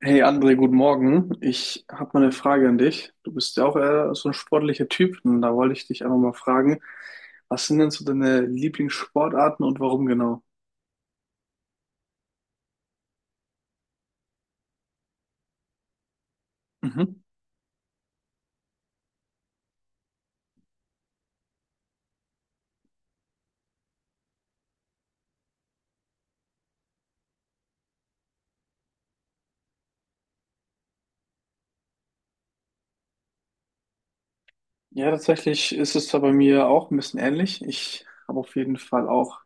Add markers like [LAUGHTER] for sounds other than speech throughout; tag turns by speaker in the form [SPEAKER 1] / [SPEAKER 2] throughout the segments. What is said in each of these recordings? [SPEAKER 1] Hey André, guten Morgen. Ich habe mal eine Frage an dich. Du bist ja auch eher so ein sportlicher Typ und da wollte ich dich einfach mal fragen, was sind denn so deine Lieblingssportarten und warum genau? Mhm. Ja, tatsächlich ist es da bei mir auch ein bisschen ähnlich. Ich habe auf jeden Fall auch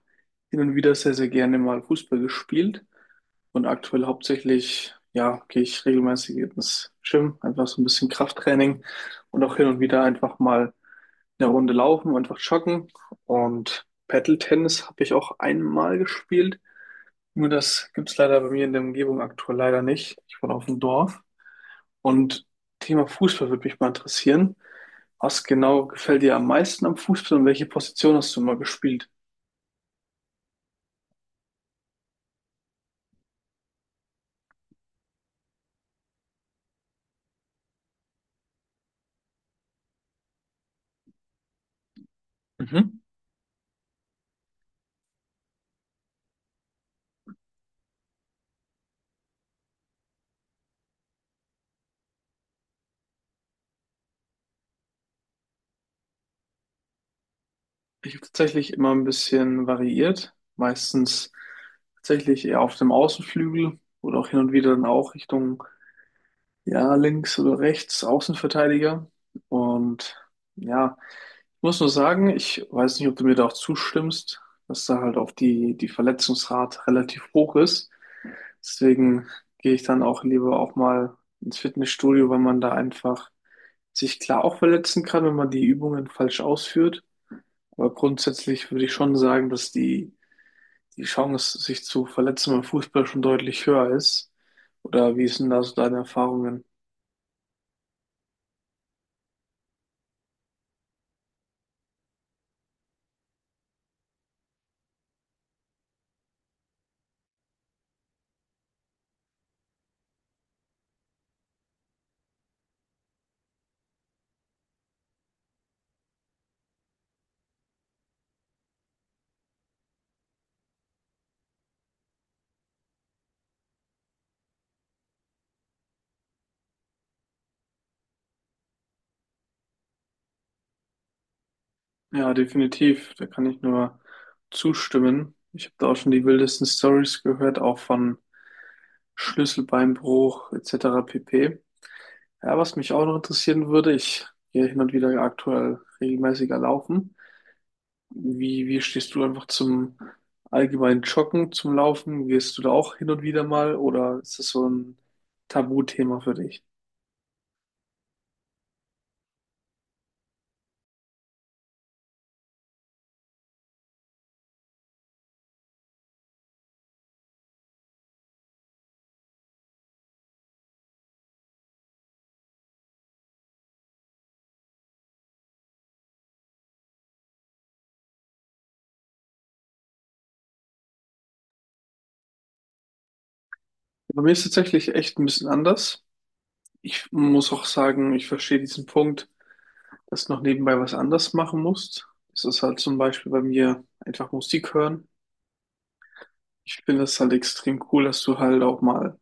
[SPEAKER 1] hin und wieder sehr, sehr gerne mal Fußball gespielt und aktuell hauptsächlich, ja, gehe ich regelmäßig ins Gym, einfach so ein bisschen Krafttraining und auch hin und wieder einfach mal, eine Runde laufen und einfach joggen. Und Paddle-Tennis habe ich auch einmal gespielt. Nur das gibt's leider bei mir in der Umgebung aktuell leider nicht. Ich wohne auf dem Dorf. Und Thema Fußball würde mich mal interessieren. Was genau gefällt dir am meisten am Fußball und welche Position hast du mal gespielt? Mhm. Ich habe tatsächlich immer ein bisschen variiert. Meistens tatsächlich eher auf dem Außenflügel oder auch hin und wieder dann auch Richtung, ja, links oder rechts, Außenverteidiger. Und ja, ich muss nur sagen, ich weiß nicht, ob du mir da auch zustimmst, dass da halt auch die Verletzungsrate relativ hoch ist. Deswegen gehe ich dann auch lieber auch mal ins Fitnessstudio, weil man da einfach sich klar auch verletzen kann, wenn man die Übungen falsch ausführt. Aber grundsätzlich würde ich schon sagen, dass die Chance, sich zu verletzen beim Fußball schon deutlich höher ist. Oder wie sind da so deine Erfahrungen? Ja, definitiv. Da kann ich nur zustimmen. Ich habe da auch schon die wildesten Stories gehört, auch von Schlüsselbeinbruch etc. pp. Ja, was mich auch noch interessieren würde, ich gehe hin und wieder aktuell regelmäßiger laufen. Wie stehst du einfach zum allgemeinen Joggen, zum Laufen? Gehst du da auch hin und wieder mal oder ist das so ein Tabuthema für dich? Bei mir ist es tatsächlich echt ein bisschen anders. Ich muss auch sagen, ich verstehe diesen Punkt, dass du noch nebenbei was anderes machen musst. Das ist halt zum Beispiel bei mir einfach Musik hören. Ich finde das halt extrem cool, dass du halt auch mal,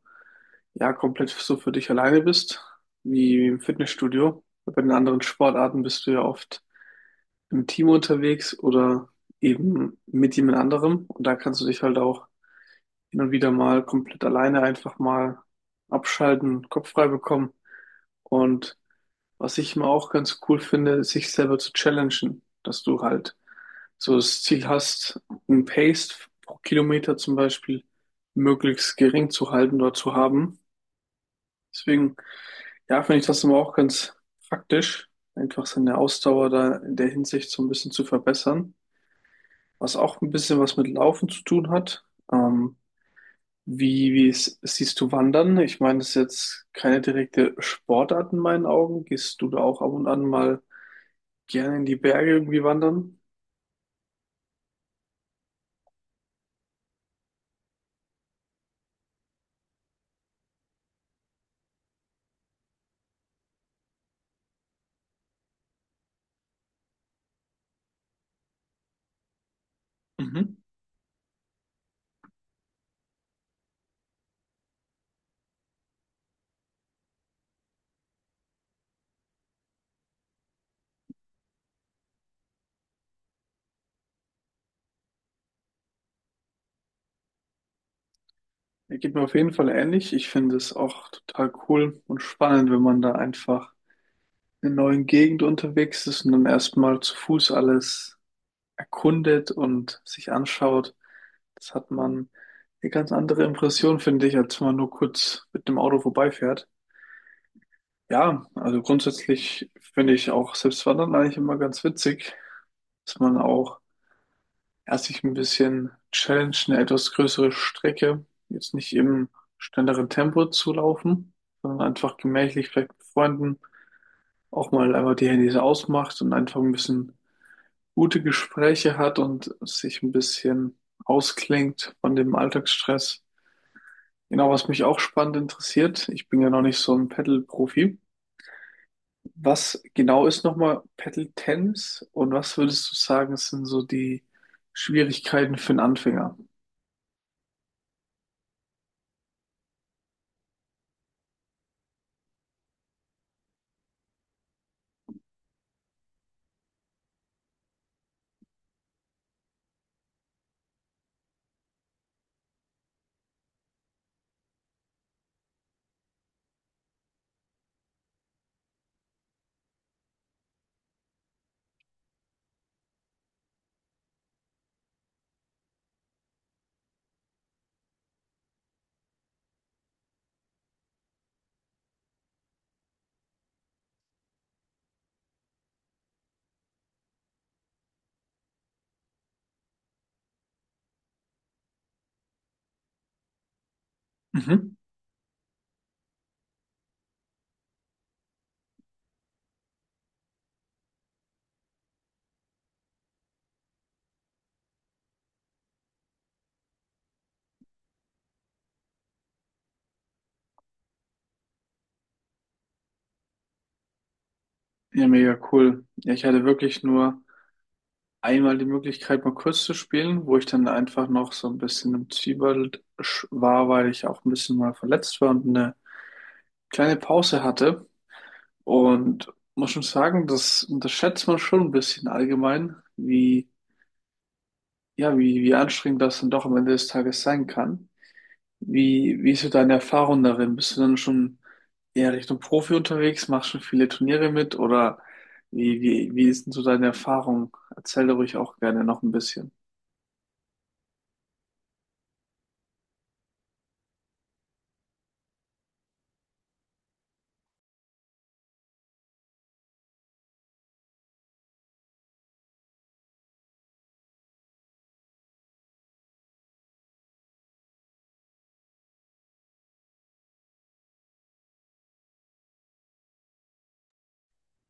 [SPEAKER 1] ja, komplett so für dich alleine bist, wie im Fitnessstudio. Bei den anderen Sportarten bist du ja oft im Team unterwegs oder eben mit jemand anderem. Und da kannst du dich halt auch hin und wieder mal komplett alleine einfach mal abschalten, Kopf frei bekommen. Und was ich immer auch ganz cool finde, ist, sich selber zu challengen, dass du halt so das Ziel hast, ein Pace pro Kilometer zum Beispiel möglichst gering zu halten oder zu haben. Deswegen, ja, finde ich das immer auch ganz praktisch, einfach seine Ausdauer da in der Hinsicht so ein bisschen zu verbessern. Was auch ein bisschen was mit Laufen zu tun hat. Ähm, wie siehst du Wandern? Ich meine, das ist jetzt keine direkte Sportart in meinen Augen. Gehst du da auch ab und an mal gerne in die Berge irgendwie wandern? Mhm. Er geht mir auf jeden Fall ähnlich. Ich finde es auch total cool und spannend, wenn man da einfach in einer neuen Gegend unterwegs ist und dann erstmal zu Fuß alles erkundet und sich anschaut. Das hat man eine ganz andere Impression, finde ich, als wenn man nur kurz mit dem Auto vorbeifährt. Ja, also grundsätzlich finde ich auch selbst Wandern eigentlich immer ganz witzig, dass man auch erst sich ein bisschen Challenge eine etwas größere Strecke, jetzt nicht im schnelleren Tempo zu laufen, sondern einfach gemächlich vielleicht mit Freunden auch mal einfach die Handys ausmacht und einfach ein bisschen gute Gespräche hat und sich ein bisschen ausklingt von dem Alltagsstress. Genau, was mich auch spannend interessiert, ich bin ja noch nicht so ein Paddle-Profi. Was genau ist nochmal Paddle-Tennis und was würdest du sagen, sind so die Schwierigkeiten für einen Anfänger? Mhm. Ja, mega cool. Ja, ich hatte wirklich nur einmal die Möglichkeit, mal kurz zu spielen, wo ich dann einfach noch so ein bisschen im Zwiebelt war, weil ich auch ein bisschen mal verletzt war und eine kleine Pause hatte. Und muss schon sagen, das unterschätzt man schon ein bisschen allgemein, wie, ja, wie anstrengend das dann doch am Ende des Tages sein kann. Wie ist so deine Erfahrung darin? Bist du dann schon eher Richtung Profi unterwegs? Machst schon viele Turniere mit? Oder wie ist denn so deine Erfahrung? Erzähl da ruhig auch gerne noch ein bisschen.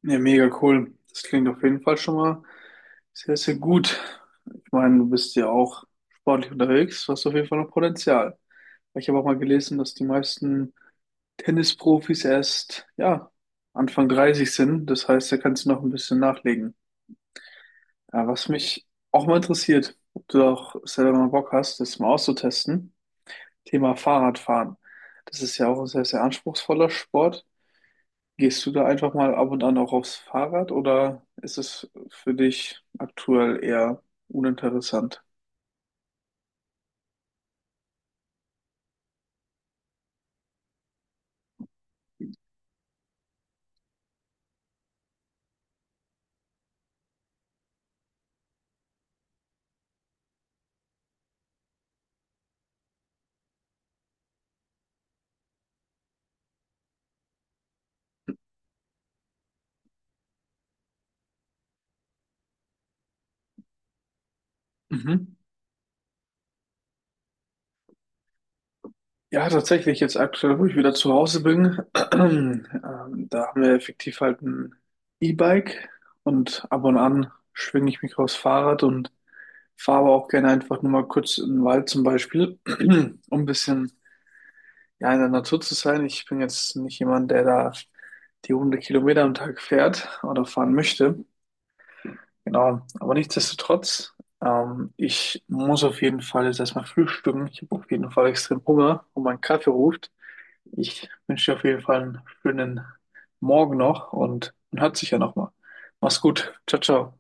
[SPEAKER 1] Ja, mega cool. Das klingt auf jeden Fall schon mal sehr, sehr gut. Ich meine, du bist ja auch sportlich unterwegs. Du hast auf jeden Fall noch Potenzial. Ich habe auch mal gelesen, dass die meisten Tennisprofis erst, ja, Anfang 30 sind. Das heißt, da kannst du noch ein bisschen nachlegen. Ja, was mich auch mal interessiert, ob du auch selber mal Bock hast, das mal auszutesten. Thema Fahrradfahren. Das ist ja auch ein sehr, sehr anspruchsvoller Sport. Gehst du da einfach mal ab und an auch aufs Fahrrad oder ist es für dich aktuell eher uninteressant? Mhm. Ja, tatsächlich, jetzt aktuell, wo ich wieder zu Hause bin, [CLEARS THROAT] ähm, da haben wir effektiv halt ein E-Bike und ab und an schwinge ich mich aufs Fahrrad und fahre aber auch gerne einfach nur mal kurz in den Wald zum Beispiel, [CLEARS THROAT] um ein bisschen ja, in der Natur zu sein. Ich bin jetzt nicht jemand, der da die 100 Kilometer am Tag fährt oder fahren möchte. Genau, aber nichtsdestotrotz, ich muss auf jeden Fall jetzt erstmal frühstücken. Ich habe auf jeden Fall extrem Hunger und mein Kaffee ruft. Ich wünsche dir auf jeden Fall einen schönen Morgen noch und man hört sich ja nochmal. Mach's gut. Ciao, ciao.